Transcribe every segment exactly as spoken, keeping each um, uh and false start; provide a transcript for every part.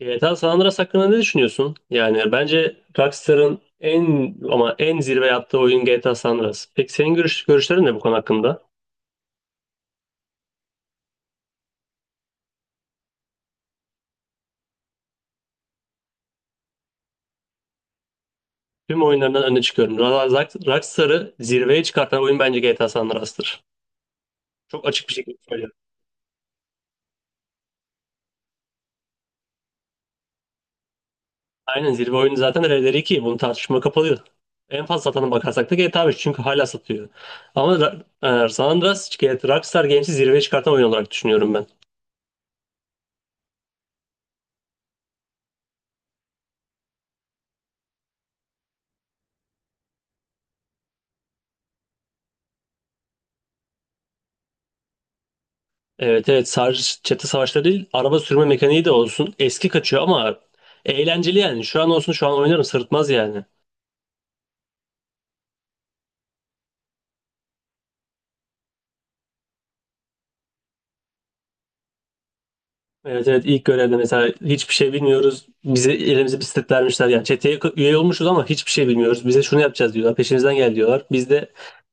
G T A San Andreas hakkında ne düşünüyorsun? Yani bence Rockstar'ın en ama en zirve yaptığı oyun G T A San Andreas. Peki senin görüş, görüşlerin ne bu konu hakkında? Tüm oyunlarından öne çıkıyorum. Ra- Ra- Rockstar'ı zirveye çıkartan oyun bence G T A San Andreas'tır. Çok açık bir şekilde söylüyorum. Aynen, zirve oyunu zaten Red Dead iki. Bunu tartışma kapalı. En fazla satana bakarsak da G T A beş, çünkü hala satıyor. Ama Ra- e, San Andreas, G T A Rockstar Games'i zirveye çıkartan oyun olarak düşünüyorum ben. Evet, evet, sadece çete savaşları değil, araba sürme mekaniği de olsun. Eski kaçıyor ama eğlenceli yani. Şu an olsun, şu an oynarım, sırıtmaz yani. Evet, evet, ilk görevde mesela hiçbir şey bilmiyoruz. Bize elimize bisiklet vermişler. Yani çeteye k- üye olmuşuz ama hiçbir şey bilmiyoruz. Bize şunu yapacağız diyorlar. Peşimizden gel diyorlar. Biz de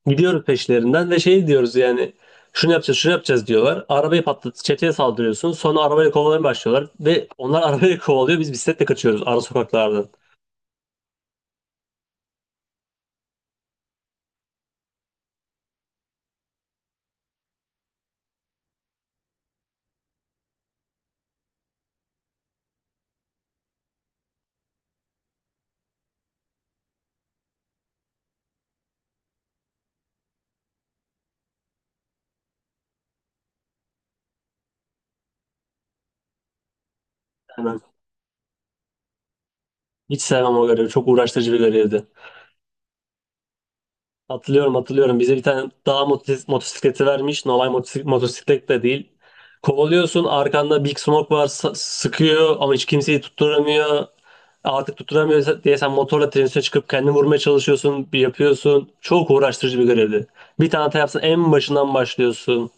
gidiyoruz peşlerinden ve şey diyoruz yani, şunu yapacağız, şunu yapacağız diyorlar. Arabayı patlat, çeteye saldırıyorsun. Sonra arabayla kovalamaya başlıyorlar ve onlar arabayla kovalıyor. Biz bisikletle kaçıyoruz ara sokaklardan. Hemen. Hiç sevmem o görevi. Çok uğraştırıcı bir görevdi. Hatırlıyorum, hatırlıyorum. Bize bir tane dağ motos- motosikleti vermiş. Normal motos- motosiklet de değil. Kovalıyorsun, arkanda Big Smoke var, s- sıkıyor ama hiç kimseyi tutturamıyor. Artık tutturamıyor diye sen motorla trenin üstüne çıkıp kendini vurmaya çalışıyorsun. Bir yapıyorsun. Çok uğraştırıcı bir görevdi. Bir tane hata yapsan en başından başlıyorsun.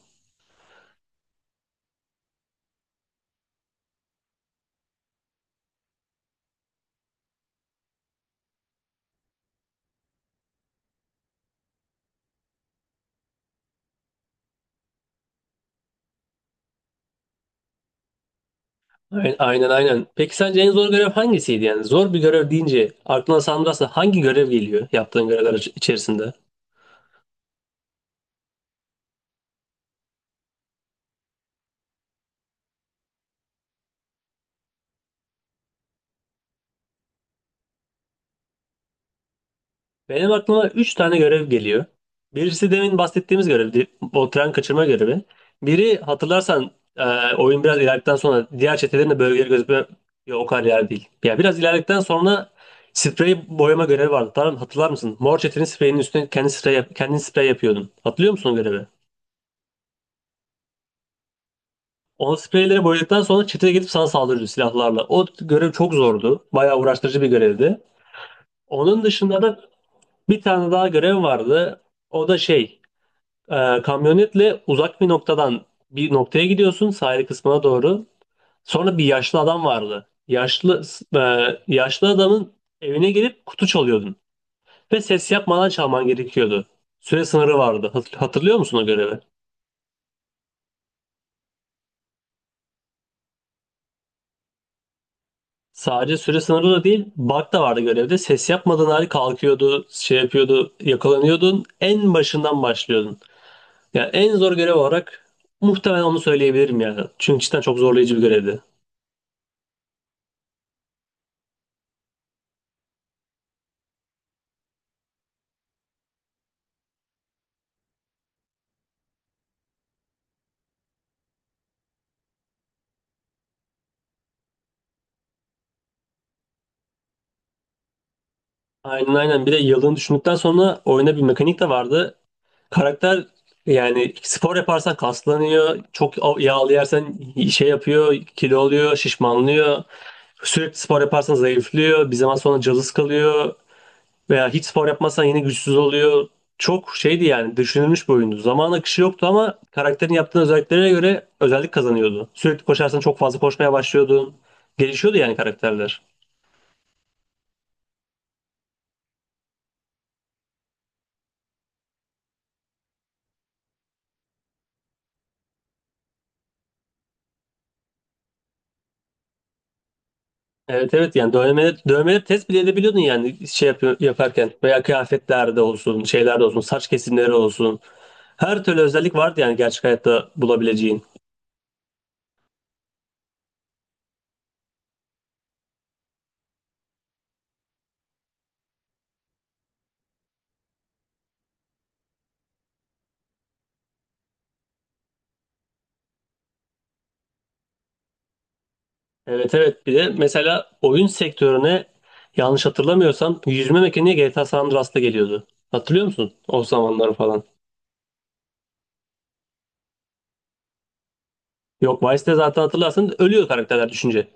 Aynen, aynen, aynen. Peki sence en zor görev hangisiydi yani? Zor bir görev deyince aklına Sandras'la hangi görev geliyor, yaptığın görevler iç- içerisinde? Benim aklıma üç tane görev geliyor. Birisi demin bahsettiğimiz görevdi. O tren kaçırma görevi. Biri hatırlarsan, e, oyun biraz ilerledikten sonra diğer çetelerin de bölgeleri gözükme. Yok, o kadar yer değil. Ya biraz ilerledikten sonra sprey boyama görevi vardı. Tamam, hatırlar mısın? Mor çetenin spreyinin üstüne kendi sprey, yap- kendin sprey yapıyordun. Hatırlıyor musun o görevi? O spreyleri boyadıktan sonra çeteye gidip sana saldırıyordu silahlarla. O görev çok zordu. Bayağı uğraştırıcı bir görevdi. Onun dışında da bir tane daha görev vardı. O da şey. Ee, kamyonetle uzak bir noktadan bir noktaya gidiyorsun, sahil kısmına doğru. Sonra bir yaşlı adam vardı. Yaşlı e, yaşlı adamın evine gelip kutu çalıyordun ve ses yapmadan çalman gerekiyordu. Süre sınırı vardı. Hat- Hatırlıyor musun o görevi? Sadece süre sınırı da değil, bug da vardı görevde. Ses yapmadığın halde kalkıyordu, şey yapıyordu, yakalanıyordun. En başından başlıyordun. Yani en zor görev olarak muhtemelen onu söyleyebilirim yani. Çünkü cidden çok zorlayıcı bir görevdi. Aynen, aynen. Bir de yıldığını düşündükten sonra oyuna bir mekanik de vardı. Karakter yani, spor yaparsan kaslanıyor. Çok yağlı yersen şey yapıyor, kilo oluyor, şişmanlıyor. Sürekli spor yaparsan zayıflıyor. Bir zaman sonra cılız kalıyor. Veya hiç spor yapmazsan yine güçsüz oluyor. Çok şeydi yani, düşünülmüş bir oyundu. Zaman akışı yoktu ama karakterin yaptığı özelliklere göre özellik kazanıyordu. Sürekli koşarsan çok fazla koşmaya başlıyordun. Gelişiyordu yani karakterler. Evet, evet, yani dövmeleri, dövmeleri test bile edebiliyordun yani, şey yapıyor, yaparken veya kıyafetlerde olsun, şeylerde olsun, saç kesimleri olsun, her türlü özellik vardı yani, gerçek hayatta bulabileceğin. Evet, evet, bir de mesela oyun sektörüne, yanlış hatırlamıyorsam, yüzme mekaniği G T A San Andreas'ta geliyordu. Hatırlıyor musun o zamanları falan? Yok, Vice'de zaten hatırlarsın, ölüyor karakterler düşünce.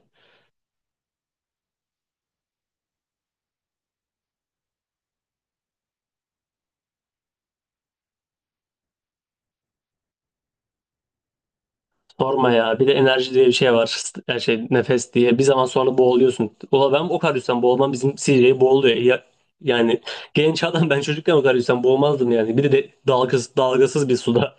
Sorma ya. Bir de enerji diye bir şey var. St- Her şey nefes diye. Bir zaman sonra boğuluyorsun. Ulan ben o kadar yüzden boğulmam, bizim C J boğuluyor. Ya, yani genç adam, ben çocukken o kadar yüzden boğulmazdım yani. Bir de dalgasız, dalgasız bir suda.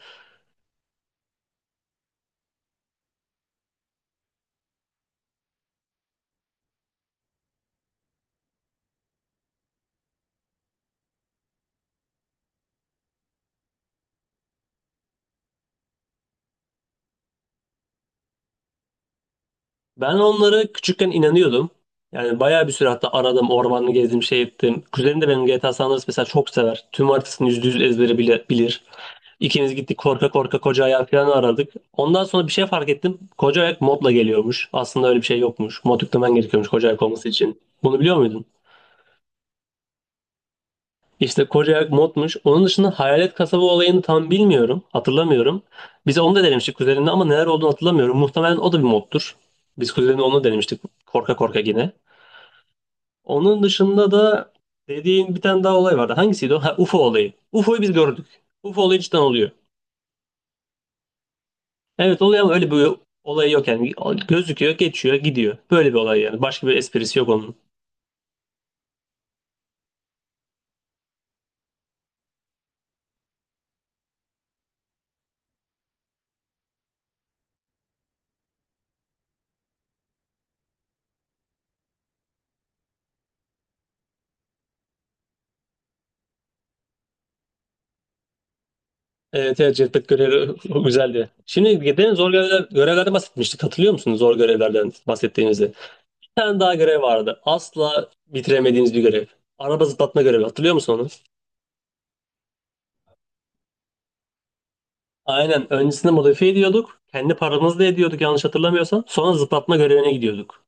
Ben onlara küçükken inanıyordum. Yani bayağı bir süre, hatta aradım, ormanı gezdim, şey ettim. Kuzenim de benim, G T A San Andreas mesela çok sever. Tüm haritasını yüzde yüz ezbere bile bilir. İkimiz gittik korka korka koca ayak falan aradık. Ondan sonra bir şey fark ettim. Koca ayak modla geliyormuş. Aslında öyle bir şey yokmuş. Mod yüklemen gerekiyormuş koca ayak olması için. Bunu biliyor muydun? İşte koca ayak modmuş. Onun dışında hayalet kasaba olayını tam bilmiyorum. Hatırlamıyorum. Bize onu da denemiştik kuzenimle ama neler olduğunu hatırlamıyorum. Muhtemelen o da bir moddur. Biz kuzenimle onu denemiştik, korka korka yine. Onun dışında da dediğin bir tane daha olay vardı. Hangisiydi o? Ha, U F O olayı. U F O'yu biz gördük. U F O olayı cidden oluyor. Evet, oluyor ama öyle bir olayı yok yani. Gözüküyor, geçiyor, gidiyor. Böyle bir olay yani. Başka bir esprisi yok onun. Evet, evet, Jetpack görevi o güzeldi. Şimdi gidelim zor görevler, görevlerden bahsetmiştik. Hatırlıyor musunuz zor görevlerden bahsettiğimizi? Bir tane daha görev vardı. Asla bitiremediğimiz bir görev. Araba zıplatma görevi. Hatırlıyor musun onu? Aynen. Öncesinde modifiye ediyorduk. Kendi paramızla ediyorduk, yanlış hatırlamıyorsam. Sonra zıplatma görevine gidiyorduk.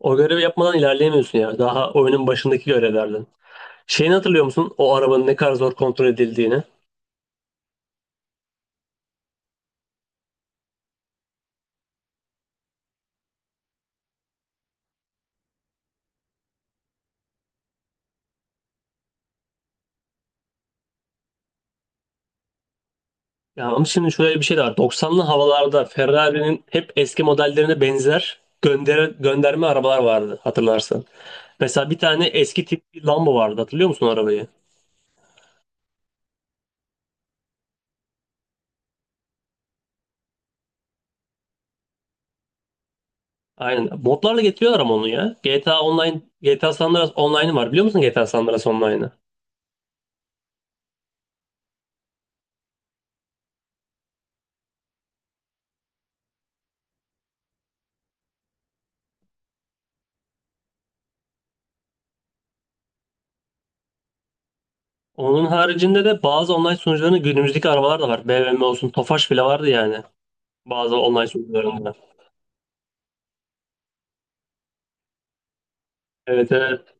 O görevi yapmadan ilerleyemiyorsun ya. Daha oyunun başındaki görevlerden. Şeyini hatırlıyor musun? O arabanın ne kadar zor kontrol edildiğini. Ya ama şimdi şöyle bir şey de var. Doksanlı havalarda Ferrari'nin hep eski modellerine benzer gönder gönderme arabalar vardı, hatırlarsan. Mesela bir tane eski tip bir Lambo vardı, hatırlıyor musun arabayı? Aynen. Modlarla getiriyorlar ama onu ya. G T A Online, G T A San Andreas Online'ı var, biliyor musun G T A San Andreas Online'ı? Onun haricinde de bazı online sunucuların günümüzdeki arabalar da var. B M W olsun, Tofaş bile vardı yani. Bazı online sunucularında. Evet, evet.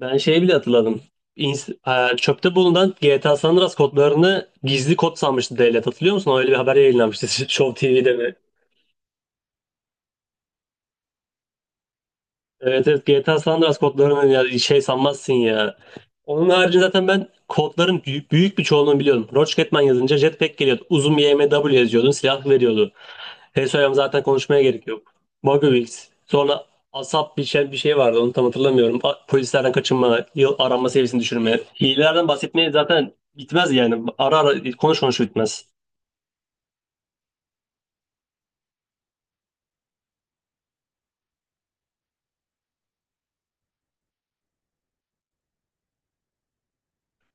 Ben şeyi bile hatırladım. İns- e, çöpte bulunan G T A San Andreas kodlarını gizli kod sanmıştı devlet. Hatırlıyor musun? Öyle bir haber yayınlanmıştı Show T V'de. Evet, evet, G T A San Andreas kodlarını ya, şey sanmazsın ya. Onun harici zaten ben kodların büyük, büyük bir çoğunluğunu biliyordum. Rocketman yazınca Jetpack geliyordu. Uzun Y M W yazıyordun, silah veriyordu. H S O'ya zaten konuşmaya gerek yok. Bugwills. Sonra ASAP bir şey, bir şey vardı, onu tam hatırlamıyorum. A- Polislerden kaçınma, yıl aranma seviyesini düşürme. Hilelerden bahsetmeye zaten bitmez yani. Ara ara konuş konuş bitmez.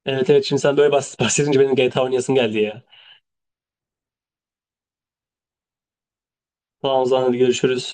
Evet, evet, şimdi sen böyle bahs- bahsedince benim G T A oynayasım geldi ya. Tamam, o zaman hadi görüşürüz.